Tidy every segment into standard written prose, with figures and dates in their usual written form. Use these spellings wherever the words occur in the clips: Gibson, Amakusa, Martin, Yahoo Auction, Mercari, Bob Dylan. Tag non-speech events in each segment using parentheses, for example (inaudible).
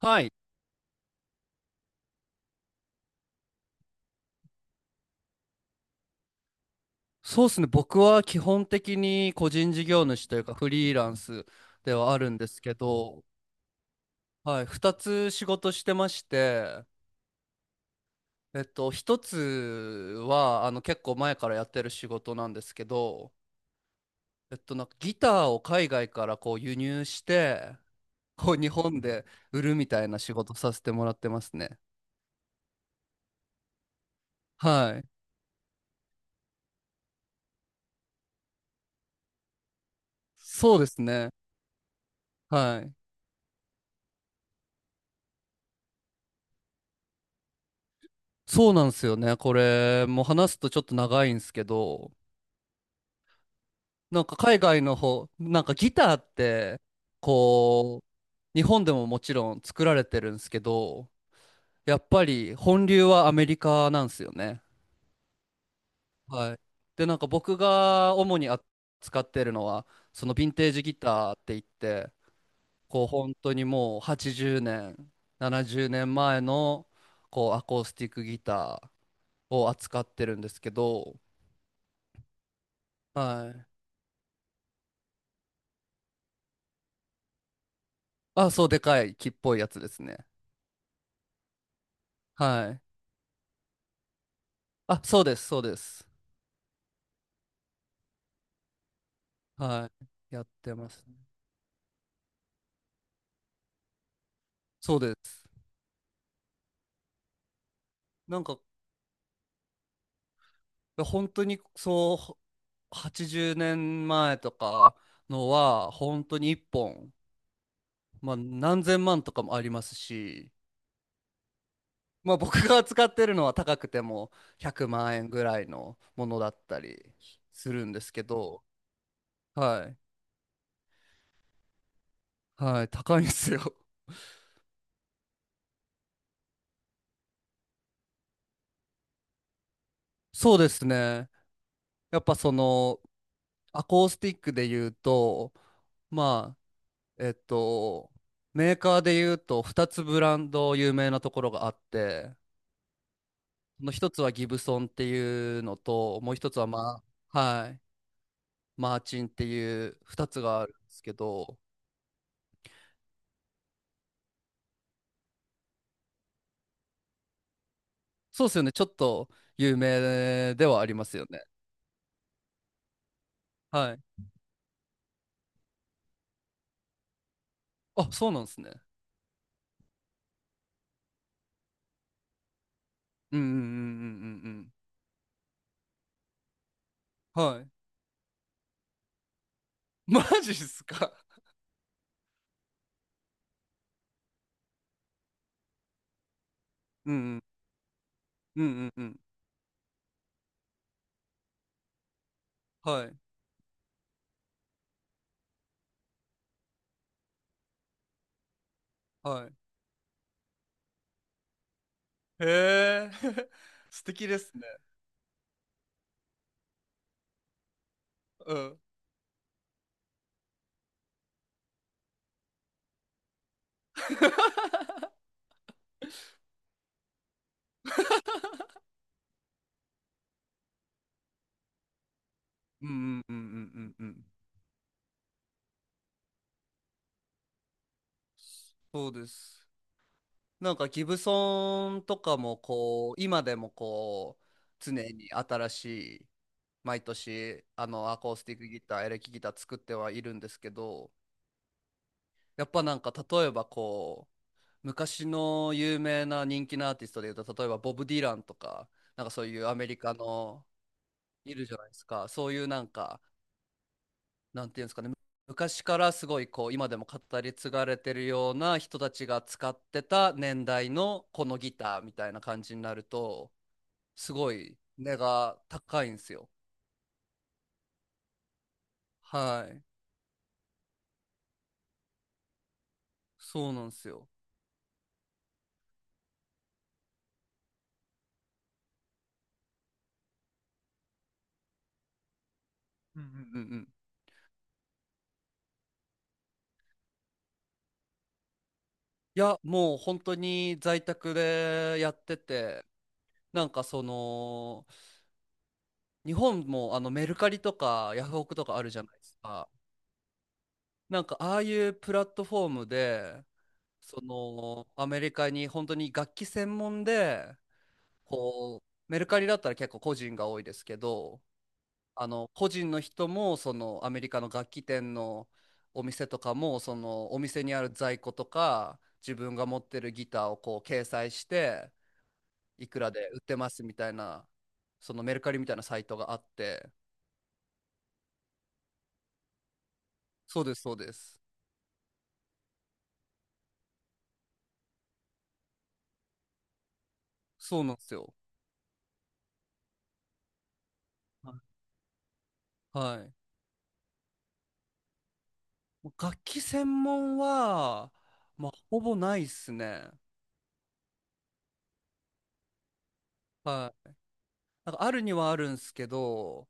はい。そうですね。僕は基本的に個人事業主というかフリーランスではあるんですけど、はい。二つ仕事してまして、一つは、結構前からやってる仕事なんですけど、なんかギターを海外からこう輸入して、こう日本で売るみたいな仕事させてもらってますね。はい。そうですね。はい。そうなんですよね。これ、もう話すとちょっと長いんですけど、なんか海外の方、なんかギターって、こう、日本でももちろん作られてるんですけど、やっぱり本流はアメリカなんですよね。はい。で、なんか僕が主に扱ってるのは、そのヴィンテージギターって言って、こう本当にもう80年、70年前のこうアコースティックギターを扱ってるんですけど、はい。あ、そうでかい木っぽいやつですね。はい。あ、そうです、そうです。はい。やってます。そうです。なんか、本当にそう、80年前とかのは、本当に1本、まあ、何千万とかもありますし、まあ、僕が使ってるのは高くても100万円ぐらいのものだったりするんですけど、はい。はい、高いんですよ。そうですね。やっぱその、アコースティックで言うと、まあ、えっと、メーカーで言うと2つブランド有名なところがあって、その1つはギブソンっていうのと、もう1つは、はい、マーチンっていう2つがあるんですけど、そうですよね、ちょっと有名ではありますよね。はい。あ、そうなんですね。うんうんうんうんうんうん。はい。(laughs) マジっすか。うんうんうんうんうん。はい。はい。へえ。(laughs) 素敵ですね。うん。うんうんうんうんうんうん。そうです。なんかギブソンとかもこう今でもこう常に新しい、毎年あのアコースティックギター、エレキギター作ってはいるんですけど、やっぱなんか例えばこう昔の有名な人気のアーティストでいうと、例えばボブ・ディランとか、なんかそういうアメリカの、いるじゃないですか、そういうなんか、なんていうんですかね、昔からすごいこう今でも語り継がれてるような人たちが使ってた年代のこのギターみたいな感じになると、すごい値が高いんですよ。はい。そうなんですよ。うんうんうんうん。いや、もう本当に在宅でやってて、なんかその、日本もあのメルカリとかヤフオクとかあるじゃないですか。なんかああいうプラットフォームで、そのアメリカに本当に楽器専門で、こう、メルカリだったら結構個人が多いですけど、あの個人の人もそのアメリカの楽器店のお店とかもそのお店にある在庫とか自分が持ってるギターをこう掲載して、いくらで売ってますみたいな、そのメルカリみたいなサイトがあって。そうです、そうです。そうなんですよ。はいはい。楽器専門はまあほぼないっすね。はい、なんかあるにはあるんすけど、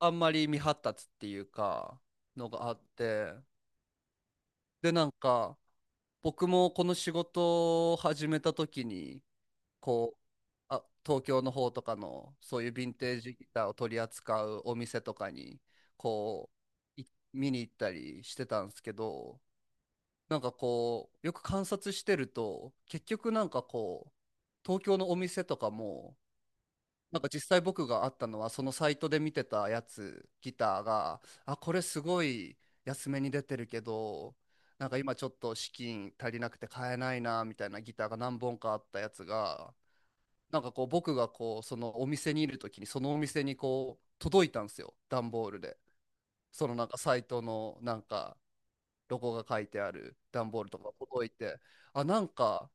あんまり未発達っていうか、のがあって、で、なんか、僕もこの仕事を始めた時に、こう、あ、東京の方とかの、そういうヴィンテージギターを取り扱うお店とかに、こう、い見に行ったりしてたんですけど、なんかこう、よく観察してると、結局なんかこう、東京のお店とかも、なんか実際僕があったのはそのサイトで見てたやつ、ギターが、あこれすごい安めに出てるけどなんか今ちょっと資金足りなくて買えないなみたいなギターが何本かあったやつが、なんかこう僕がこうそのお店にいる時にそのお店にこう届いたんですよ、段ボールで。そのなんかサイトのなんかロゴが書いてある段ボールとか届いて、あなんか、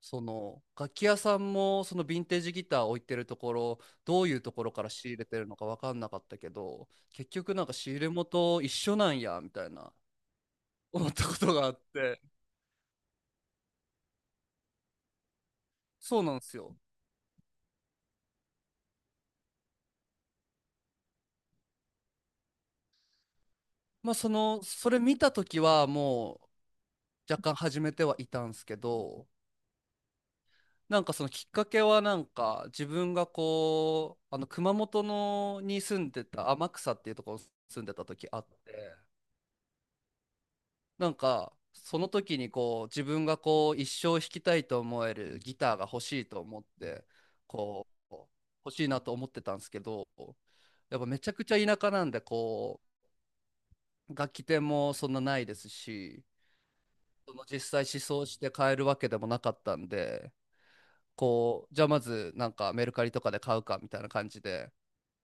その楽器屋さんもそのヴィンテージギター置いてるところ、どういうところから仕入れてるのか分かんなかったけど、結局なんか仕入れ元一緒なんやみたいな (laughs) 思ったことがあって、そうなんですよ。まあそのそれ見た時はもう若干始めてはいたんですけど、なんかそのきっかけはなんか自分がこうあの熊本のに住んでた天草っていうところに住んでた時あって、なんか、その時にこう、自分がこう、一生弾きたいと思えるギターが欲しいと思って、こう、欲しいなと思ってたんですけど、やっぱめちゃくちゃ田舎なんで、こう、楽器店もそんなないですし、その実際試奏して買えるわけでもなかったんで、こう、じゃあまずなんかメルカリとかで買うかみたいな感じで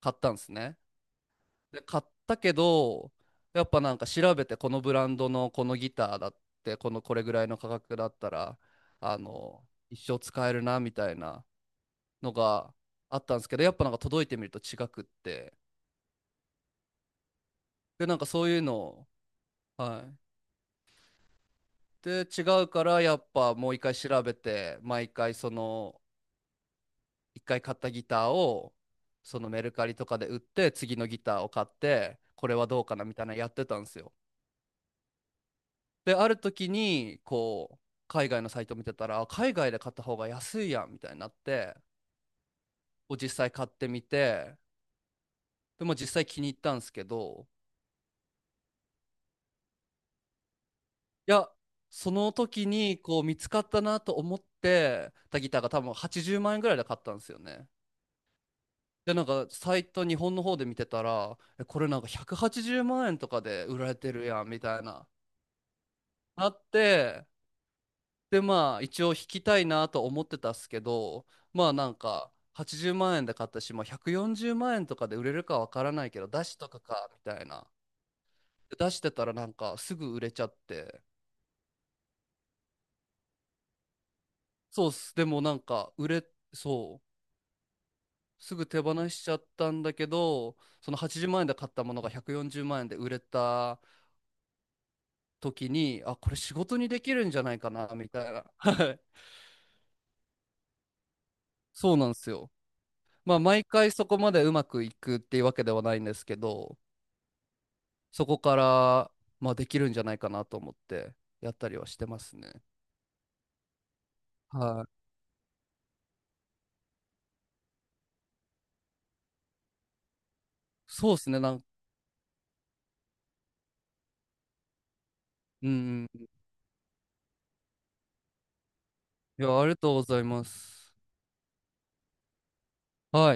買ったんですね。で買ったけど、やっぱなんか調べてこのブランドのこのギターだって、このこれぐらいの価格だったらあの一生使えるなみたいなのがあったんですけど、やっぱなんか届いてみると違くって、でなんかそういうのを、はい、で違うから、やっぱもう一回調べて毎回その一回買ったギターをそのメルカリとかで売って、次のギターを買ってこれはどうかなみたいなのやってたんですよ。で、ある時に、こう、海外のサイト見てたら、あ海外で買った方が安いやんみたいになって、を実際買ってみて、でも実際気に入ったんですけど、いや、その時にこう見つかったなと思ってたギターが多分80万円ぐらいで買ったんですよね。で、なんかサイト日本の方で見てたら、えこれなんか180万円とかで売られてるやんみたいな。なって、でまあ一応引きたいなと思ってたっすけど、まあなんか80万円で買ったし、まあ、140万円とかで売れるかわからないけど出しとかかみたいな、で出してたらなんかすぐ売れちゃって、そうっす、でもなんか売れそう、すぐ手放しちゃったんだけどその80万円で買ったものが140万円で売れた時に、あこれ仕事にできるんじゃないかなみたいな (laughs) はい。そうなんですよ。まあ毎回そこまでうまくいくっていうわけではないんですけど、そこから、まあ、できるんじゃないかなと思ってやったりはしてますね。はい。そうですね。うんうん。いや、ありがとうございます。はい